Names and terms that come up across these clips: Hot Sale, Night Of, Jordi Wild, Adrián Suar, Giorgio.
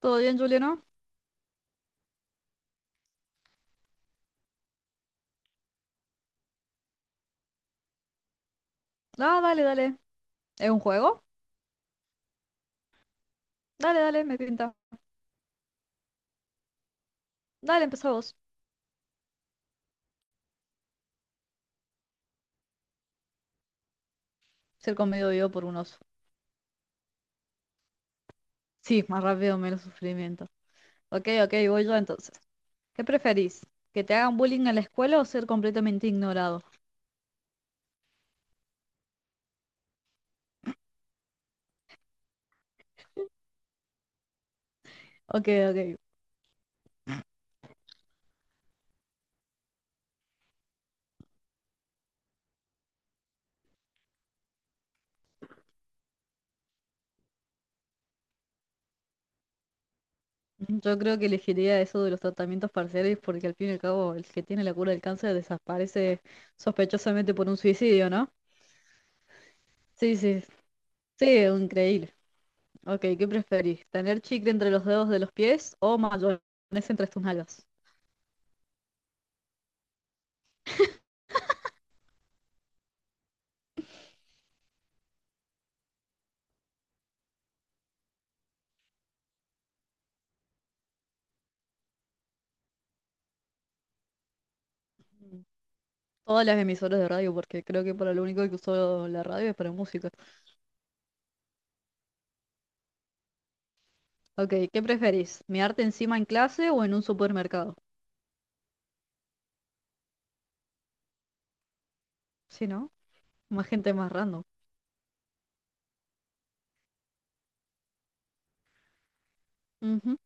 ¿Todo bien, Juliano? Ah, dale, dale. ¿Es un juego? Dale, dale, me pinta. Dale, empezá vos. Ser comido vivo por un oso. Sí, más rápido, menos sufrimiento. Ok, ok, voy yo entonces. ¿Qué preferís? ¿Que te hagan bullying en la escuela o ser completamente ignorado? Ok, ok. Yo creo que elegiría eso de los tratamientos parciales porque al fin y al cabo el que tiene la cura del cáncer desaparece sospechosamente por un suicidio, ¿no? Sí, sí, sí, increíble. Ok, ¿qué preferís? ¿Tener chicle entre los dedos de los pies o mayonesa entre tus nalgas? Mm. Todas las emisoras de radio, porque creo que para lo único que uso la radio es para música. Ok, ¿qué preferís? ¿Mearte encima en clase o en un supermercado? Si no, más gente más random. Ujú.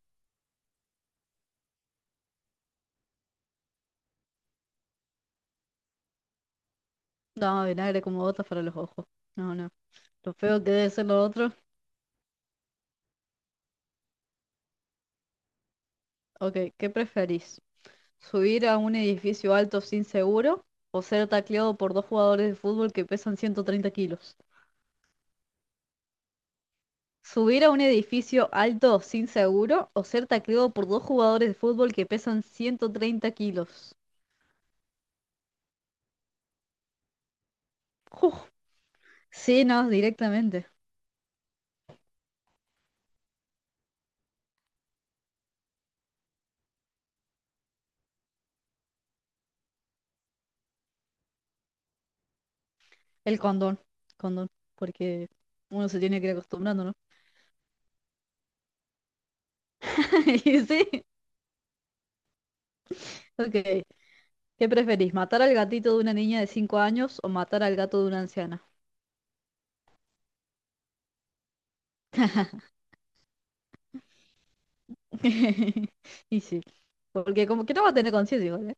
No, vinagre como botas para los ojos. No, no. Lo feo que debe ser lo otro. Ok, ¿qué preferís? ¿Subir a un edificio alto sin seguro o ser tacleado por dos jugadores de fútbol que pesan 130 kilos? ¿Subir a un edificio alto sin seguro o ser tacleado por dos jugadores de fútbol que pesan 130 kilos? Uf. Sí, no, directamente. El condón, condón, porque uno se tiene que ir acostumbrando, ¿no? Y sí, ok. ¿Qué preferís, matar al gatito de una niña de 5 años o matar al gato de una anciana? Y sí, porque como que no va a tener conciencia igual, ¿eh?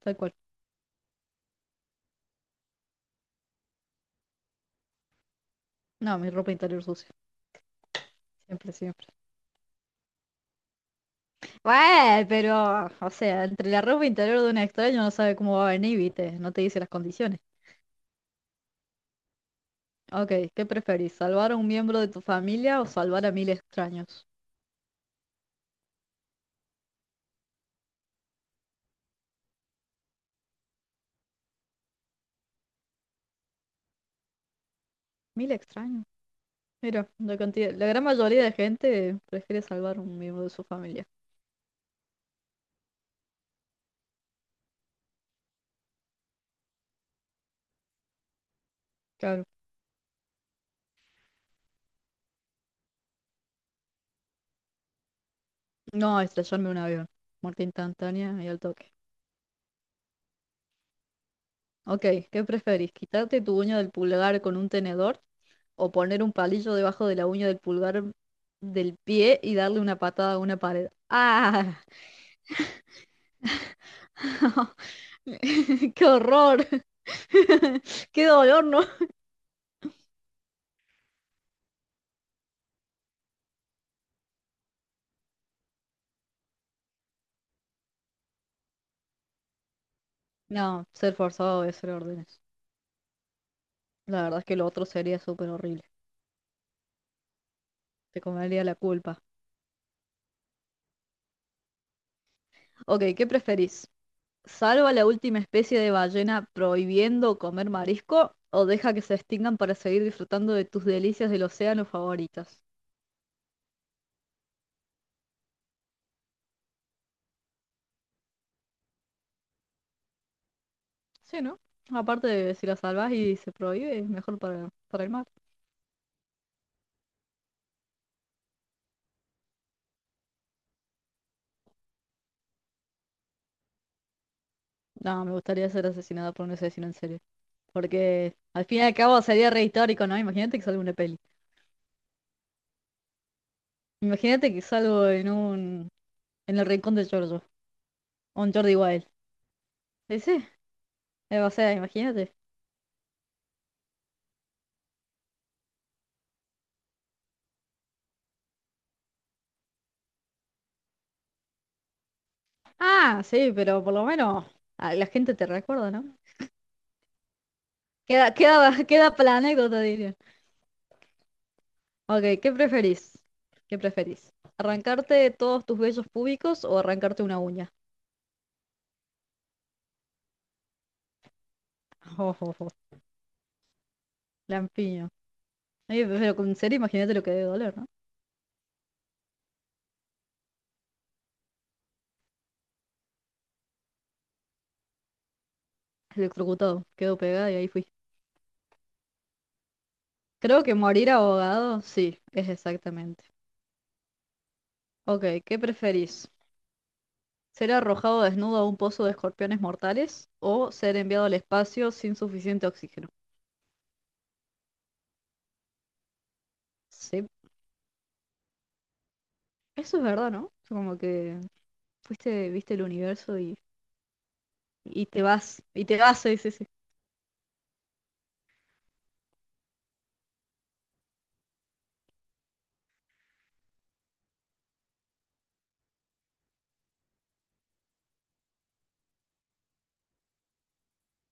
Tal cual. No, mi ropa interior sucia. Siempre, siempre. Bueno, pero, o sea, entre la ropa interior de un extraño no sabe cómo va a venir, ¿viste? No te dice las condiciones. Ok, ¿qué preferís? ¿Salvar a un miembro de tu familia o salvar a 1.000 extraños? 1.000 extraños. Mira, la cantidad, la gran mayoría de gente prefiere salvar un miembro de su familia. Claro. No, estrellarme un avión. Muerte instantánea y al toque. Ok, ¿qué preferís? ¿Quitarte tu uña del pulgar con un tenedor o poner un palillo debajo de la uña del pulgar del pie y darle una patada a una pared? ¡Ah! ¡Qué horror! Qué dolor, ¿no? No, ser forzado a obedecer órdenes. La verdad es que lo otro sería súper horrible. Te comería la culpa. Ok, ¿qué preferís? ¿Salva la última especie de ballena prohibiendo comer marisco o deja que se extingan para seguir disfrutando de tus delicias del océano favoritas? Sí, ¿no? Aparte de si la salvas y se prohíbe, es mejor para el mar. No, me gustaría ser asesinada por un asesino en serie. Porque al fin y al cabo sería re histórico, ¿no? Imagínate que salgo en una peli. Imagínate que salgo en el rincón de Giorgio. O en Jordi Wild. Sí, sí. O sea, imagínate. Ah, sí, pero por lo menos la gente te recuerda, ¿no? Queda, queda, queda para la anécdota, diría. Ok, ¿qué preferís? ¿Qué preferís? ¿Arrancarte todos tus vellos públicos o arrancarte una uña? Oh, oh, oh, lampiño. Ay, pero con serio, imagínate lo que debe doler, ¿no? Electrocutado, quedó pegada y ahí fui. Creo que morir ahogado, sí, es exactamente. Ok, ¿qué preferís? ¿Ser arrojado desnudo a un pozo de escorpiones mortales o ser enviado al espacio sin suficiente oxígeno? Sí, eso es verdad, ¿no? Como que fuiste, viste el universo y te vas, y te vas, sí, sí, sí.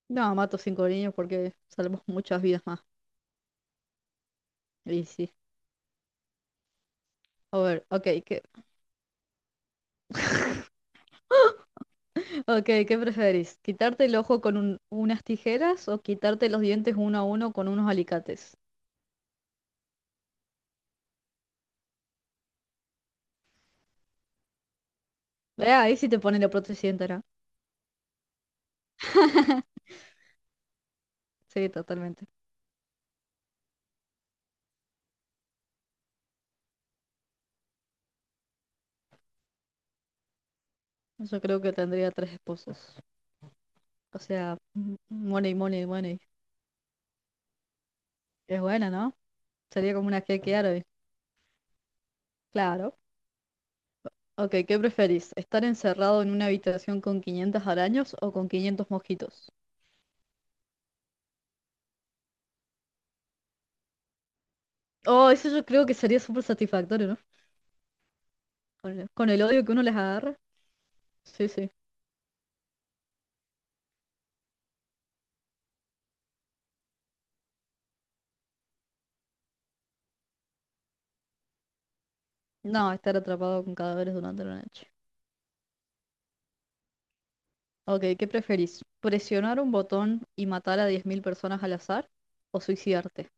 No, mato cinco niños porque salvamos muchas vidas más. Y sí. A ver, ok, ok, ¿qué preferís? ¿Quitarte el ojo con unas tijeras o quitarte los dientes uno a uno con unos alicates? Ahí sí te pone la prótesis entera. Sí, totalmente. Yo creo que tendría tres esposos. O sea, money, money, money. Es buena, ¿no? Sería como una que árabe. Claro. Ok, ¿qué preferís? ¿Estar encerrado en una habitación con 500 araños o con 500 mosquitos? Oh, eso yo creo que sería súper satisfactorio, ¿no? Con el odio que uno les agarra. Sí, sí. No, estar atrapado con cadáveres durante la noche. Ok, ¿qué preferís? ¿Presionar un botón y matar a 10.000 personas al azar? ¿O suicidarte?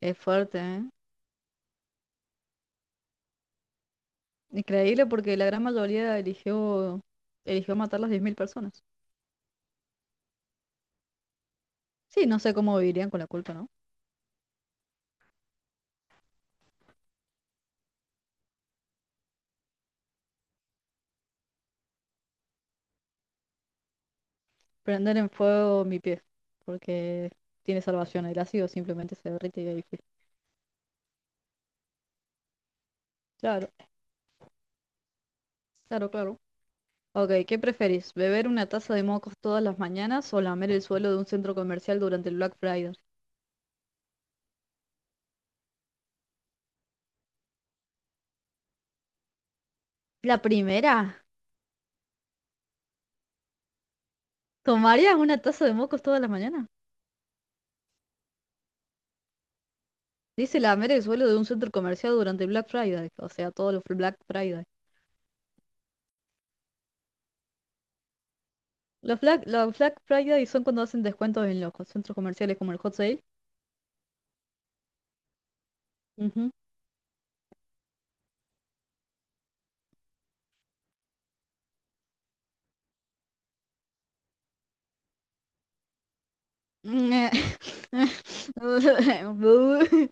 Es fuerte, ¿eh? Increíble porque la gran mayoría eligió matar a las 10.000 personas. Sí, no sé cómo vivirían con la culpa, ¿no? Prender en fuego mi pie, porque tiene salvación. El ácido simplemente se derrite y ahí fue. Claro, claro, claro. Ok, ¿qué preferís? ¿Beber una taza de mocos todas las mañanas o lamer el suelo de un centro comercial durante el Black Friday? La primera, ¿tomarías una taza de mocos todas las mañanas? Dice lamer el suelo de un centro comercial durante el Black Friday, o sea, todos los Black Friday. Los Black Friday son cuando hacen descuentos en los centros comerciales como el Hot Sale. Ujú.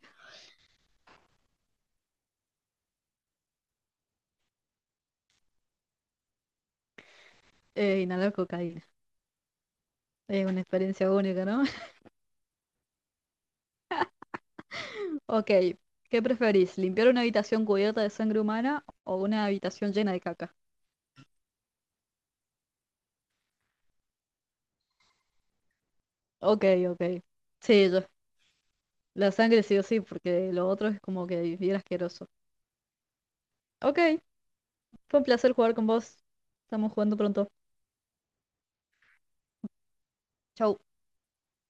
Inhalar cocaína. Es una experiencia única, ¿no? Ok, ¿qué preferís? ¿Limpiar una habitación cubierta de sangre humana o una habitación llena de caca? Ok, ok. Sí, yo. La sangre sí o sí, porque lo otro es como que bien asqueroso. Ok, fue un placer jugar con vos. Estamos jugando pronto. Chau.